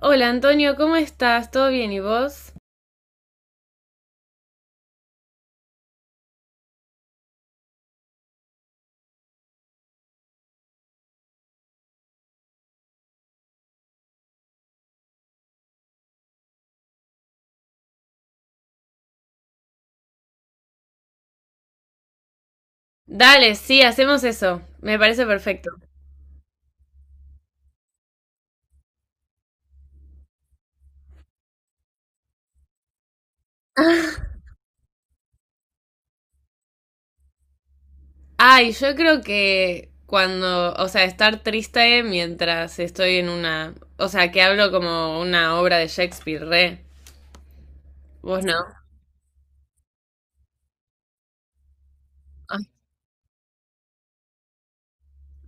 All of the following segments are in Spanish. Hola Antonio, ¿cómo estás? ¿Todo bien y vos? Dale, sí, hacemos eso. Me parece perfecto. Ay, yo creo que cuando, o sea, estar triste mientras estoy en una, o sea, que hablo como una obra de Shakespeare, re. Vos no. Ay,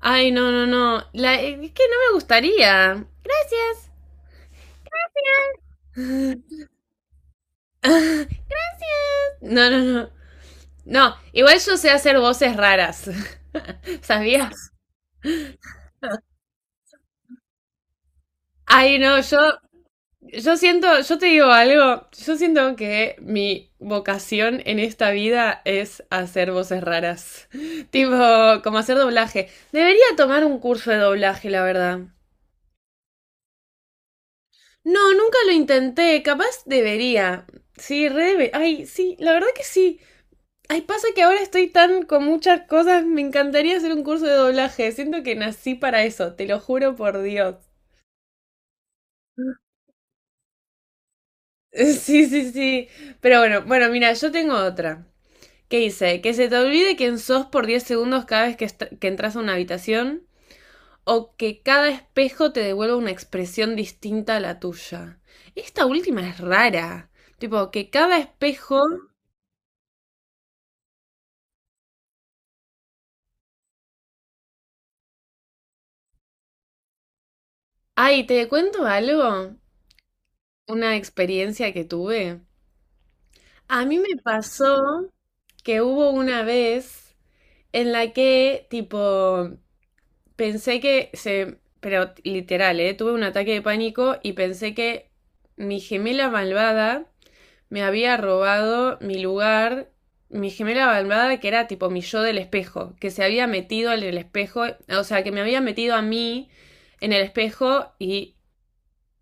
ay, no, no, no. La, es que no me gustaría. Gracias. No, no, no. No, igual yo sé hacer voces raras. ¿Sabías? Ay, no, Yo siento, yo te digo algo, yo siento que mi vocación en esta vida es hacer voces raras, tipo como hacer doblaje. Debería tomar un curso de doblaje, la verdad. No, nunca lo intenté, capaz debería. Sí, ay, sí, la verdad que sí. Ay, pasa que ahora estoy tan con muchas cosas, me encantaría hacer un curso de doblaje, siento que nací para eso, te lo juro por Dios. Sí, sí, sí. Pero bueno, bueno, mira, yo tengo otra. ¿Qué dice? Que se te olvide quién sos por 10 segundos cada vez que, que entras a una habitación o que cada espejo te devuelva una expresión distinta a la tuya. Esta última es rara. Tipo, que cada espejo... Ay, ¿te cuento algo? Una experiencia que tuve. A mí me pasó que hubo una vez en la que, tipo, pensé que se... Pero literal, ¿eh? Tuve un ataque de pánico y pensé que mi gemela malvada me había robado mi lugar, mi gemela malvada, que era tipo mi yo del espejo, que se había metido en el espejo, o sea, que me había metido a mí en el espejo y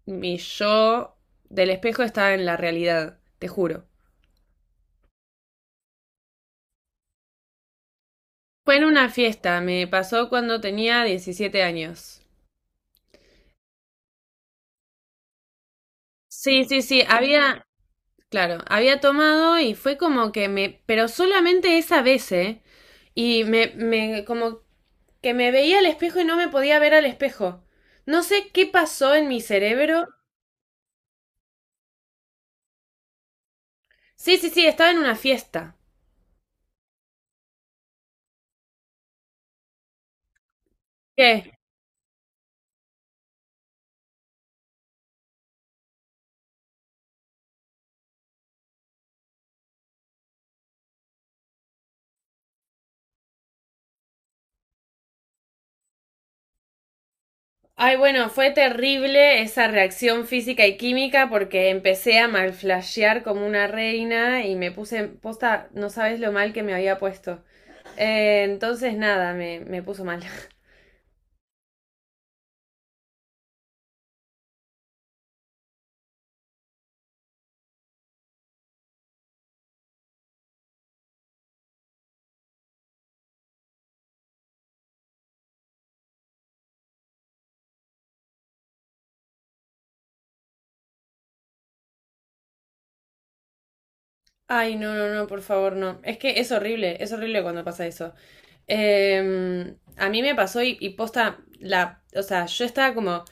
mi yo del espejo estaba en la realidad, te juro. Fue en una fiesta, me pasó cuando tenía 17 años. Sí, sí, sí, había, claro, había tomado y fue como que me, pero solamente esa vez, ¿eh? Y como que me veía al espejo y no me podía ver al espejo. No sé qué pasó en mi cerebro. Sí, sí, sí, estaba en una fiesta. ¿Qué? Ay, bueno, fue terrible esa reacción física y química porque empecé a malflashear como una reina y me puse posta, no sabes lo mal que me había puesto. Entonces nada, me puso mal. Ay, no, no, no, por favor, no. Es que es horrible cuando pasa eso. A mí me pasó y posta, la, o sea, yo estaba como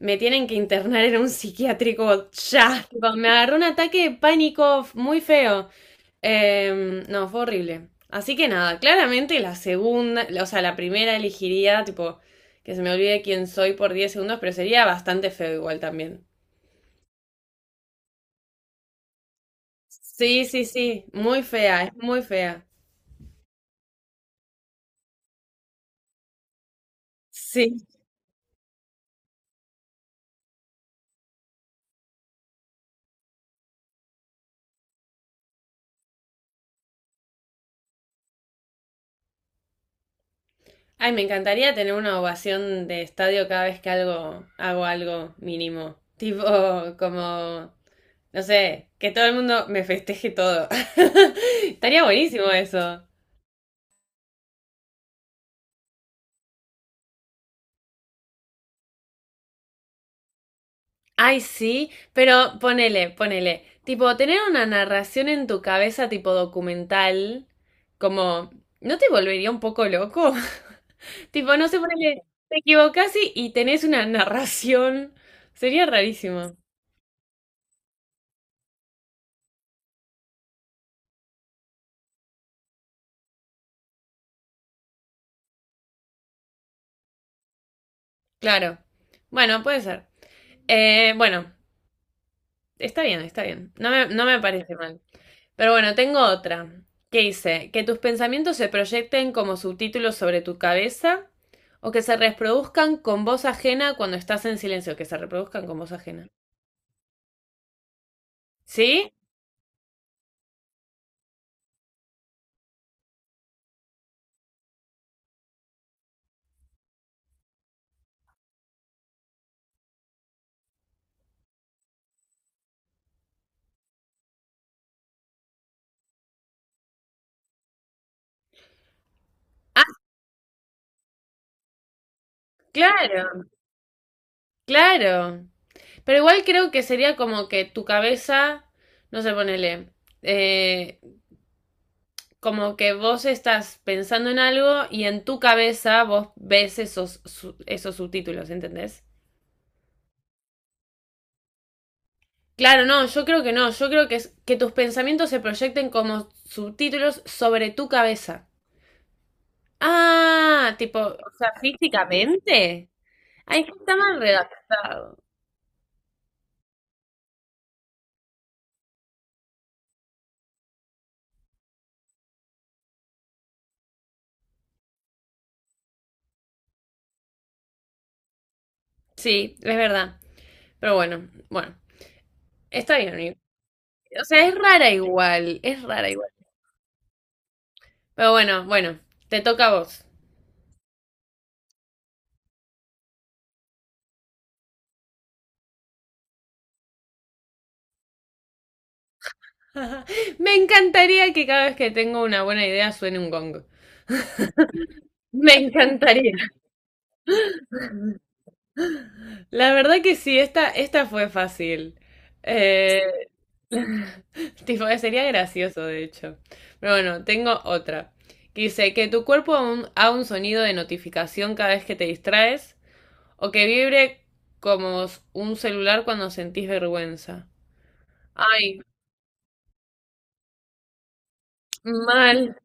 me tienen que internar en un psiquiátrico ya. Tipo, me agarró un ataque de pánico muy feo. No, fue horrible. Así que nada, claramente la segunda, o sea, la primera elegiría, tipo, que se me olvide quién soy por 10 segundos, pero sería bastante feo igual también. Sí, sí, sí, muy fea, es muy fea. Sí. Ay, me encantaría tener una ovación de estadio cada vez que hago algo mínimo. Tipo, como no sé, que todo el mundo me festeje todo. Estaría buenísimo eso. Ay, sí, pero ponele, ponele. Tipo, tener una narración en tu cabeza tipo documental, como, ¿no te volvería un poco loco? Tipo, no sé, ponele, te equivocás y tenés una narración. Sería rarísimo. Claro. Bueno, puede ser. Bueno, está bien, está bien. No me, no me parece mal. Pero bueno, tengo otra. ¿Que dice? Que tus pensamientos se proyecten como subtítulos sobre tu cabeza o que se reproduzcan con voz ajena cuando estás en silencio, que se reproduzcan con voz ajena. ¿Sí? Ah, claro, claro. Pero igual creo que sería como que tu cabeza, no sé, ponele, eh, como que vos estás pensando en algo y en tu cabeza vos ves esos, esos subtítulos, ¿entendés? Claro, no, yo creo que no. Yo creo que es que tus pensamientos se proyecten como subtítulos sobre tu cabeza. Ah, tipo, o sea, físicamente. Ay, es que está mal redactado. Sí, es verdad. Pero bueno, bueno, está bien, amigo. O sea, es rara igual, es rara igual. Pero bueno, bueno, te toca a vos. Me encantaría que cada vez que tengo una buena idea suene un gong. Me encantaría. La verdad que sí, esta fue fácil. Eh, tipo, sería gracioso, de hecho. Pero bueno, tengo otra. Que dice que tu cuerpo haga un sonido de notificación cada vez que te distraes o que vibre como un celular cuando sentís vergüenza. Ay, mal,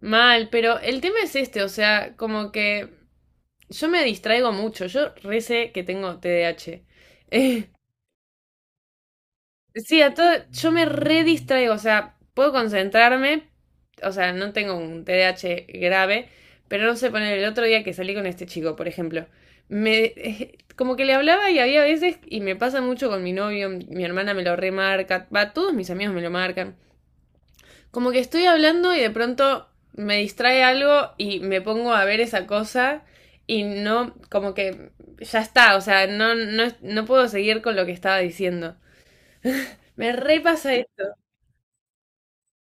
mal, pero el tema es este, o sea, como que yo me distraigo mucho, yo recé que tengo TDAH Sí, a todo, yo me redistraigo, o sea, puedo concentrarme, o sea, no tengo un TDAH grave, pero no sé poner el otro día que salí con este chico, por ejemplo. Me, Como que le hablaba y había veces, y me pasa mucho con mi novio, mi hermana me lo remarca, va, todos mis amigos me lo marcan. Como que estoy hablando y de pronto me distrae algo y me pongo a ver esa cosa y no, como que ya está, o sea, no, no, no puedo seguir con lo que estaba diciendo. Me repasa.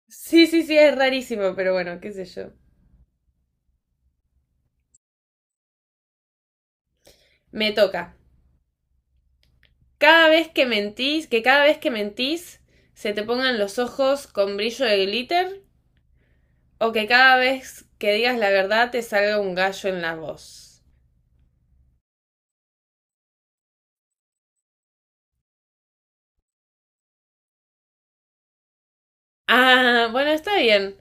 Sí, sí, sí, es rarísimo, pero bueno, qué sé yo. Me toca. Cada vez que mentís, que cada vez que mentís se te pongan los ojos con brillo de glitter o que cada vez que digas la verdad te salga un gallo en la voz. Ah, bueno, está bien.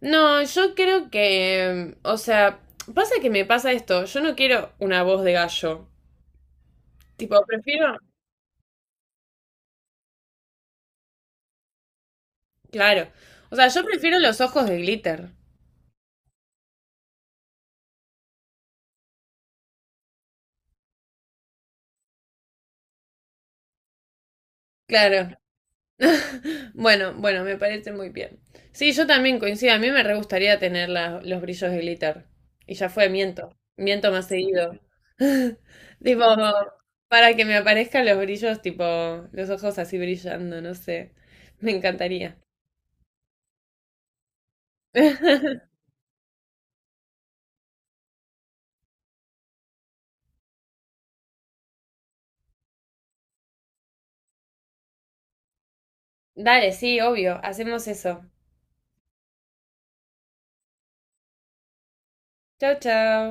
No, yo creo que, o sea, pasa que me pasa esto, yo no quiero una voz de gallo. Tipo, prefiero, claro. O sea, yo prefiero los ojos de glitter. Claro. Bueno, bueno, me parece muy bien. Sí, yo también coincido. A mí me re gustaría tener los brillos de glitter. Y ya fue, miento. Miento más seguido. Tipo, para que me aparezcan los brillos, tipo, los ojos así brillando, no sé. Me encantaría. Dale, sí, obvio. Hacemos eso. Chao, chao.